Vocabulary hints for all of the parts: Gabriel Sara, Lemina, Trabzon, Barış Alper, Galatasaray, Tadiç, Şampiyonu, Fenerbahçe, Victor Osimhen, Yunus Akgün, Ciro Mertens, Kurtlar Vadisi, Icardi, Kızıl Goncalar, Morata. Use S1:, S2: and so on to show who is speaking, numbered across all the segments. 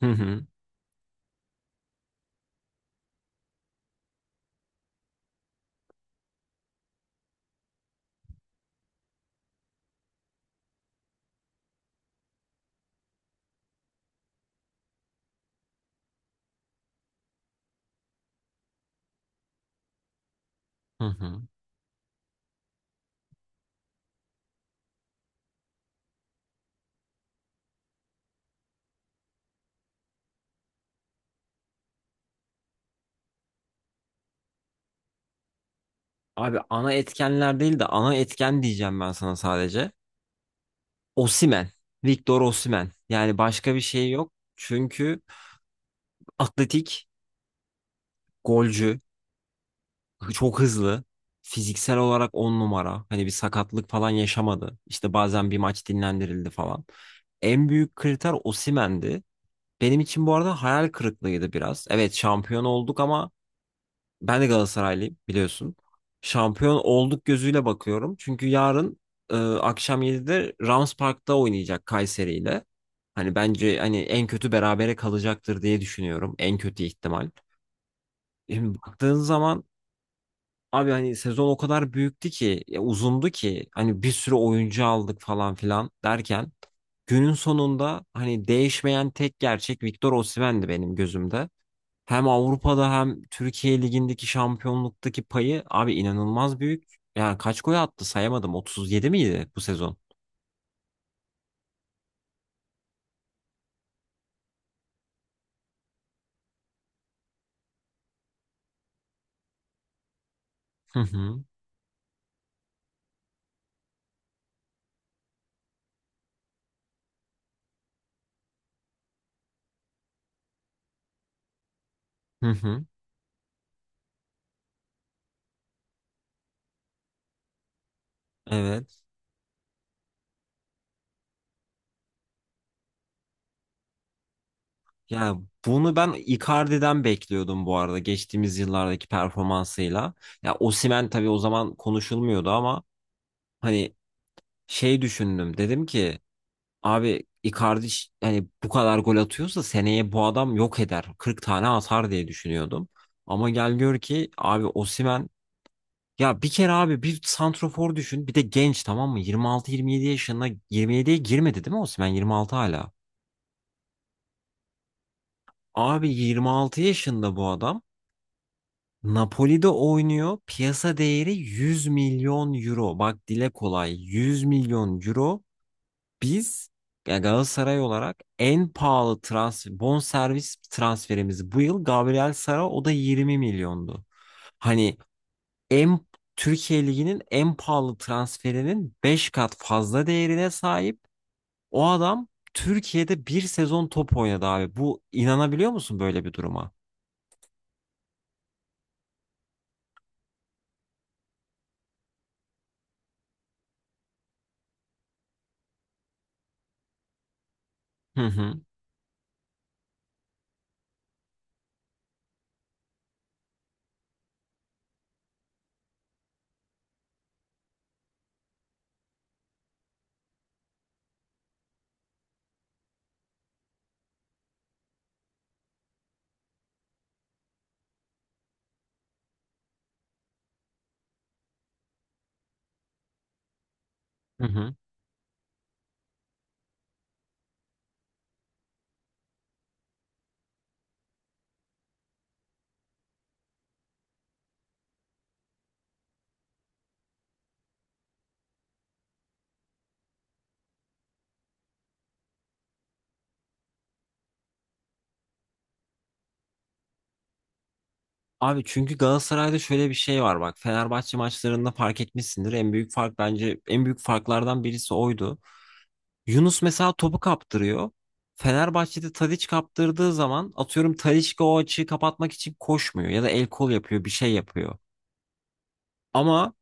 S1: Hı hı. Hı hı. Abi ana etkenler değil de ana etken diyeceğim ben sana sadece. Osimhen. Victor Osimhen. Yani başka bir şey yok. Çünkü atletik, golcü, çok hızlı. Fiziksel olarak on numara. Hani bir sakatlık falan yaşamadı. İşte bazen bir maç dinlendirildi falan. En büyük kriter Osimhen'di. Benim için bu arada hayal kırıklığıydı biraz. Evet şampiyon olduk ama ben de Galatasaraylıyım biliyorsun. Şampiyon olduk gözüyle bakıyorum. Çünkü yarın akşam 7'de Rams Park'ta oynayacak Kayseri ile. Hani bence hani en kötü berabere kalacaktır diye düşünüyorum. En kötü ihtimal. Şimdi baktığın zaman abi hani sezon o kadar büyüktü ki, ya uzundu ki hani bir sürü oyuncu aldık falan filan derken günün sonunda hani değişmeyen tek gerçek Victor Osimhen'di benim gözümde. Hem Avrupa'da hem Türkiye Ligi'ndeki şampiyonluktaki payı abi inanılmaz büyük. Yani kaç gol attı sayamadım. 37 miydi bu sezon? Hı hı. Hı hı. Evet. Yani bunu ben Icardi'den bekliyordum bu arada geçtiğimiz yıllardaki performansıyla. Ya Osimhen tabii o zaman konuşulmuyordu ama hani şey düşündüm. Dedim ki abi Icardi hani bu kadar gol atıyorsa seneye bu adam yok eder. 40 tane atar diye düşünüyordum. Ama gel gör ki abi Osimhen... Ya bir kere abi bir santrofor düşün. Bir de genç tamam mı? 26-27 yaşında 27'ye girmedi değil mi Osimhen? 26 hala. Abi 26 yaşında bu adam. Napoli'de oynuyor. Piyasa değeri 100 milyon euro. Bak dile kolay. 100 milyon euro. Biz ya Galatasaray olarak en pahalı transfer, bonservis transferimiz bu yıl Gabriel Sara, o da 20 milyondu. Hani en Türkiye Ligi'nin en pahalı transferinin 5 kat fazla değerine sahip. O adam Türkiye'de bir sezon top oynadı abi. Bu inanabiliyor musun böyle bir duruma? Hı hı. Hı hı. Abi çünkü Galatasaray'da şöyle bir şey var bak. Fenerbahçe maçlarında fark etmişsindir. En büyük fark, bence en büyük farklardan birisi oydu. Yunus mesela topu kaptırıyor. Fenerbahçe'de Tadiç kaptırdığı zaman atıyorum, Tadiç o açığı kapatmak için koşmuyor ya da el kol yapıyor, bir şey yapıyor. Ama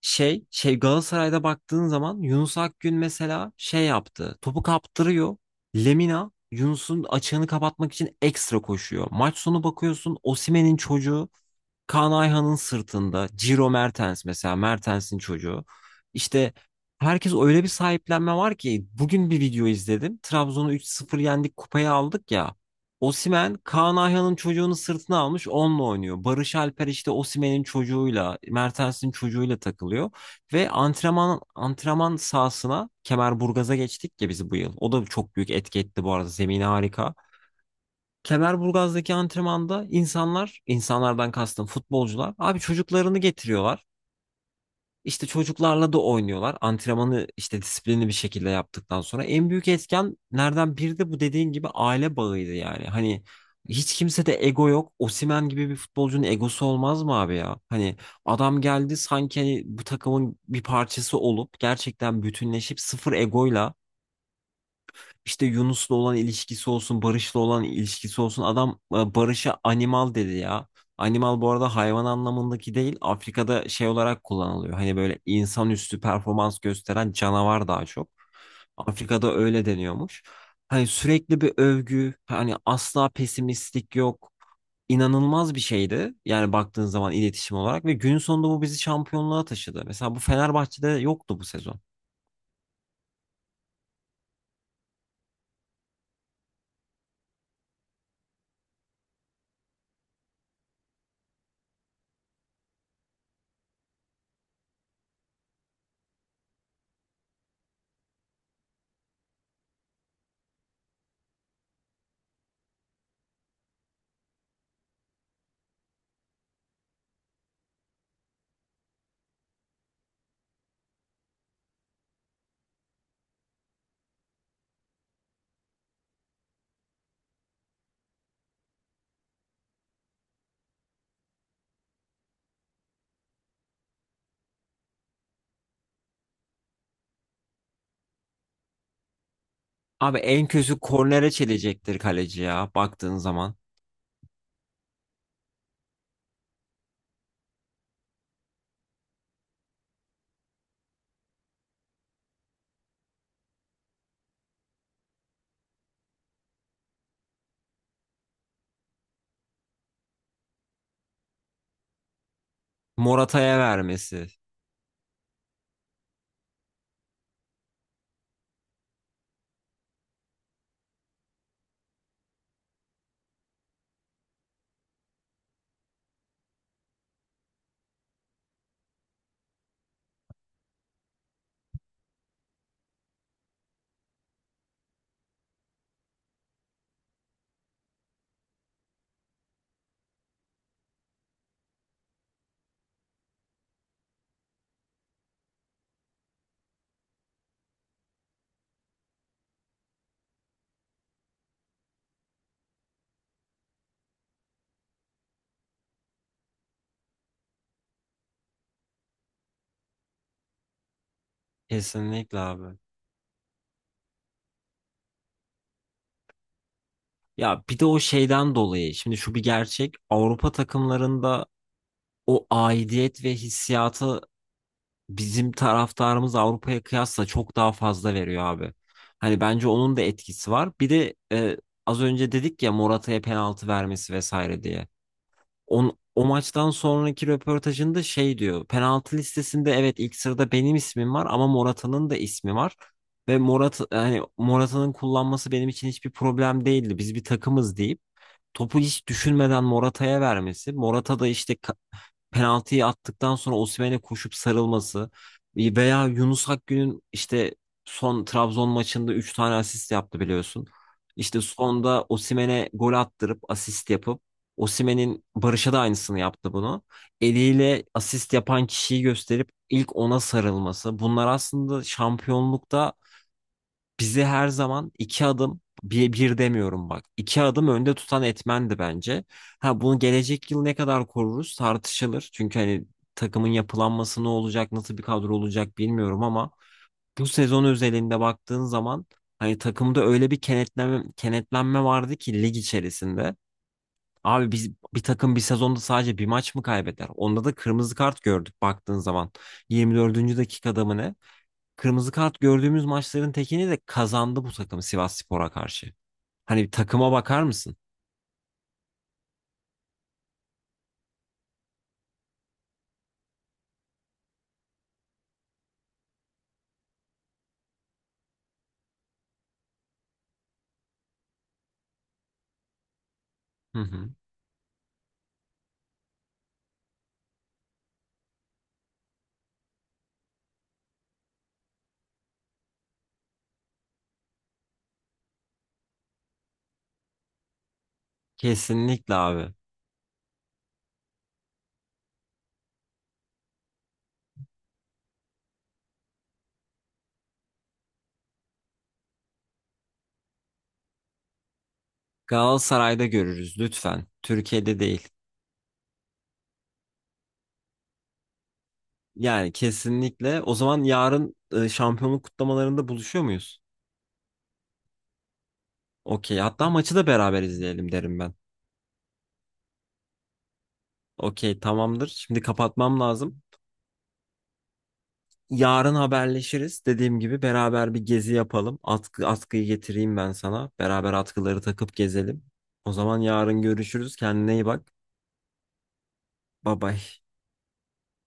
S1: Galatasaray'da baktığın zaman Yunus Akgün mesela şey yaptı. Topu kaptırıyor. Lemina Yunus'un açığını kapatmak için ekstra koşuyor. Maç sonu bakıyorsun Osimhen'in çocuğu Kaan Ayhan'ın sırtında, Ciro Mertens mesela Mertens'in çocuğu. İşte herkes öyle bir sahiplenme var ki, bugün bir video izledim. Trabzon'u 3-0 yendik, kupayı aldık ya. Osimhen Kaan Ayhan'ın çocuğunu sırtına almış onunla oynuyor. Barış Alper işte Osimhen'in çocuğuyla, Mertens'in çocuğuyla takılıyor. Ve antrenman sahasına, Kemerburgaz'a geçtik ya biz bu yıl. O da çok büyük etki etti bu arada, zemini harika. Kemerburgaz'daki antrenmanda insanlar, insanlardan kastım futbolcular, abi çocuklarını getiriyorlar. İşte çocuklarla da oynuyorlar. Antrenmanı işte disiplinli bir şekilde yaptıktan sonra en büyük etkenlerden biri de bu dediğin gibi aile bağıydı yani. Hani hiç kimse de ego yok. Osimhen gibi bir futbolcunun egosu olmaz mı abi ya? Hani adam geldi sanki hani bu takımın bir parçası olup gerçekten bütünleşip sıfır egoyla, işte Yunus'la olan ilişkisi olsun, Barış'la olan ilişkisi olsun. Adam Barış'a animal dedi ya. Animal bu arada hayvan anlamındaki değil, Afrika'da şey olarak kullanılıyor. Hani böyle insanüstü performans gösteren canavar daha çok. Afrika'da öyle deniyormuş. Hani sürekli bir övgü, hani asla pesimistlik yok. İnanılmaz bir şeydi. Yani baktığın zaman iletişim olarak, ve günün sonunda bu bizi şampiyonluğa taşıdı. Mesela bu Fenerbahçe'de yoktu bu sezon. Abi en kötü kornere çelecektir kaleci ya, baktığın zaman. Morata'ya vermesi. Kesinlikle abi. Ya bir de o şeyden dolayı, şimdi şu bir gerçek, Avrupa takımlarında o aidiyet ve hissiyatı bizim taraftarımız Avrupa'ya kıyasla çok daha fazla veriyor abi. Hani bence onun da etkisi var. Bir de az önce dedik ya, Morata'ya penaltı vermesi vesaire diye. O maçtan sonraki röportajında şey diyor. Penaltı listesinde evet ilk sırada benim ismim var ama Morata'nın da ismi var. Ve hani Morata'nın kullanması benim için hiçbir problem değildi. Biz bir takımız deyip topu hiç düşünmeden Morata'ya vermesi. Morata da işte penaltıyı attıktan sonra Osimhen'e koşup sarılması, veya Yunus Akgün'ün işte son Trabzon maçında 3 tane asist yaptı biliyorsun. İşte sonda Osimhen'e gol attırıp asist yapıp, Osimhen'in Barış'a da aynısını yaptı bunu. Eliyle asist yapan kişiyi gösterip ilk ona sarılması. Bunlar aslında şampiyonlukta bizi her zaman iki adım, bir, bir demiyorum bak, iki adım önde tutan etmendi bence. Ha bunu gelecek yıl ne kadar koruruz tartışılır. Çünkü hani takımın yapılanması ne olacak, nasıl bir kadro olacak bilmiyorum ama bu sezon özelinde baktığın zaman hani takımda öyle bir kenetlenme, kenetlenme vardı ki lig içerisinde. Abi biz bir takım bir sezonda sadece bir maç mı kaybeder? Onda da kırmızı kart gördük baktığın zaman. 24. dakikada mı ne? Kırmızı kart gördüğümüz maçların tekini de kazandı bu takım Sivasspor'a karşı. Hani bir takıma bakar mısın? Hı hı. Kesinlikle abi. Galatasaray'da görürüz lütfen. Türkiye'de değil. Yani kesinlikle. O zaman yarın şampiyonluk kutlamalarında buluşuyor muyuz? Okey. Hatta maçı da beraber izleyelim derim ben. Okey, tamamdır. Şimdi kapatmam lazım. Yarın haberleşiriz. Dediğim gibi beraber bir gezi yapalım. Atkıyı getireyim ben sana. Beraber atkıları takıp gezelim. O zaman yarın görüşürüz. Kendine iyi bak. Bye bye.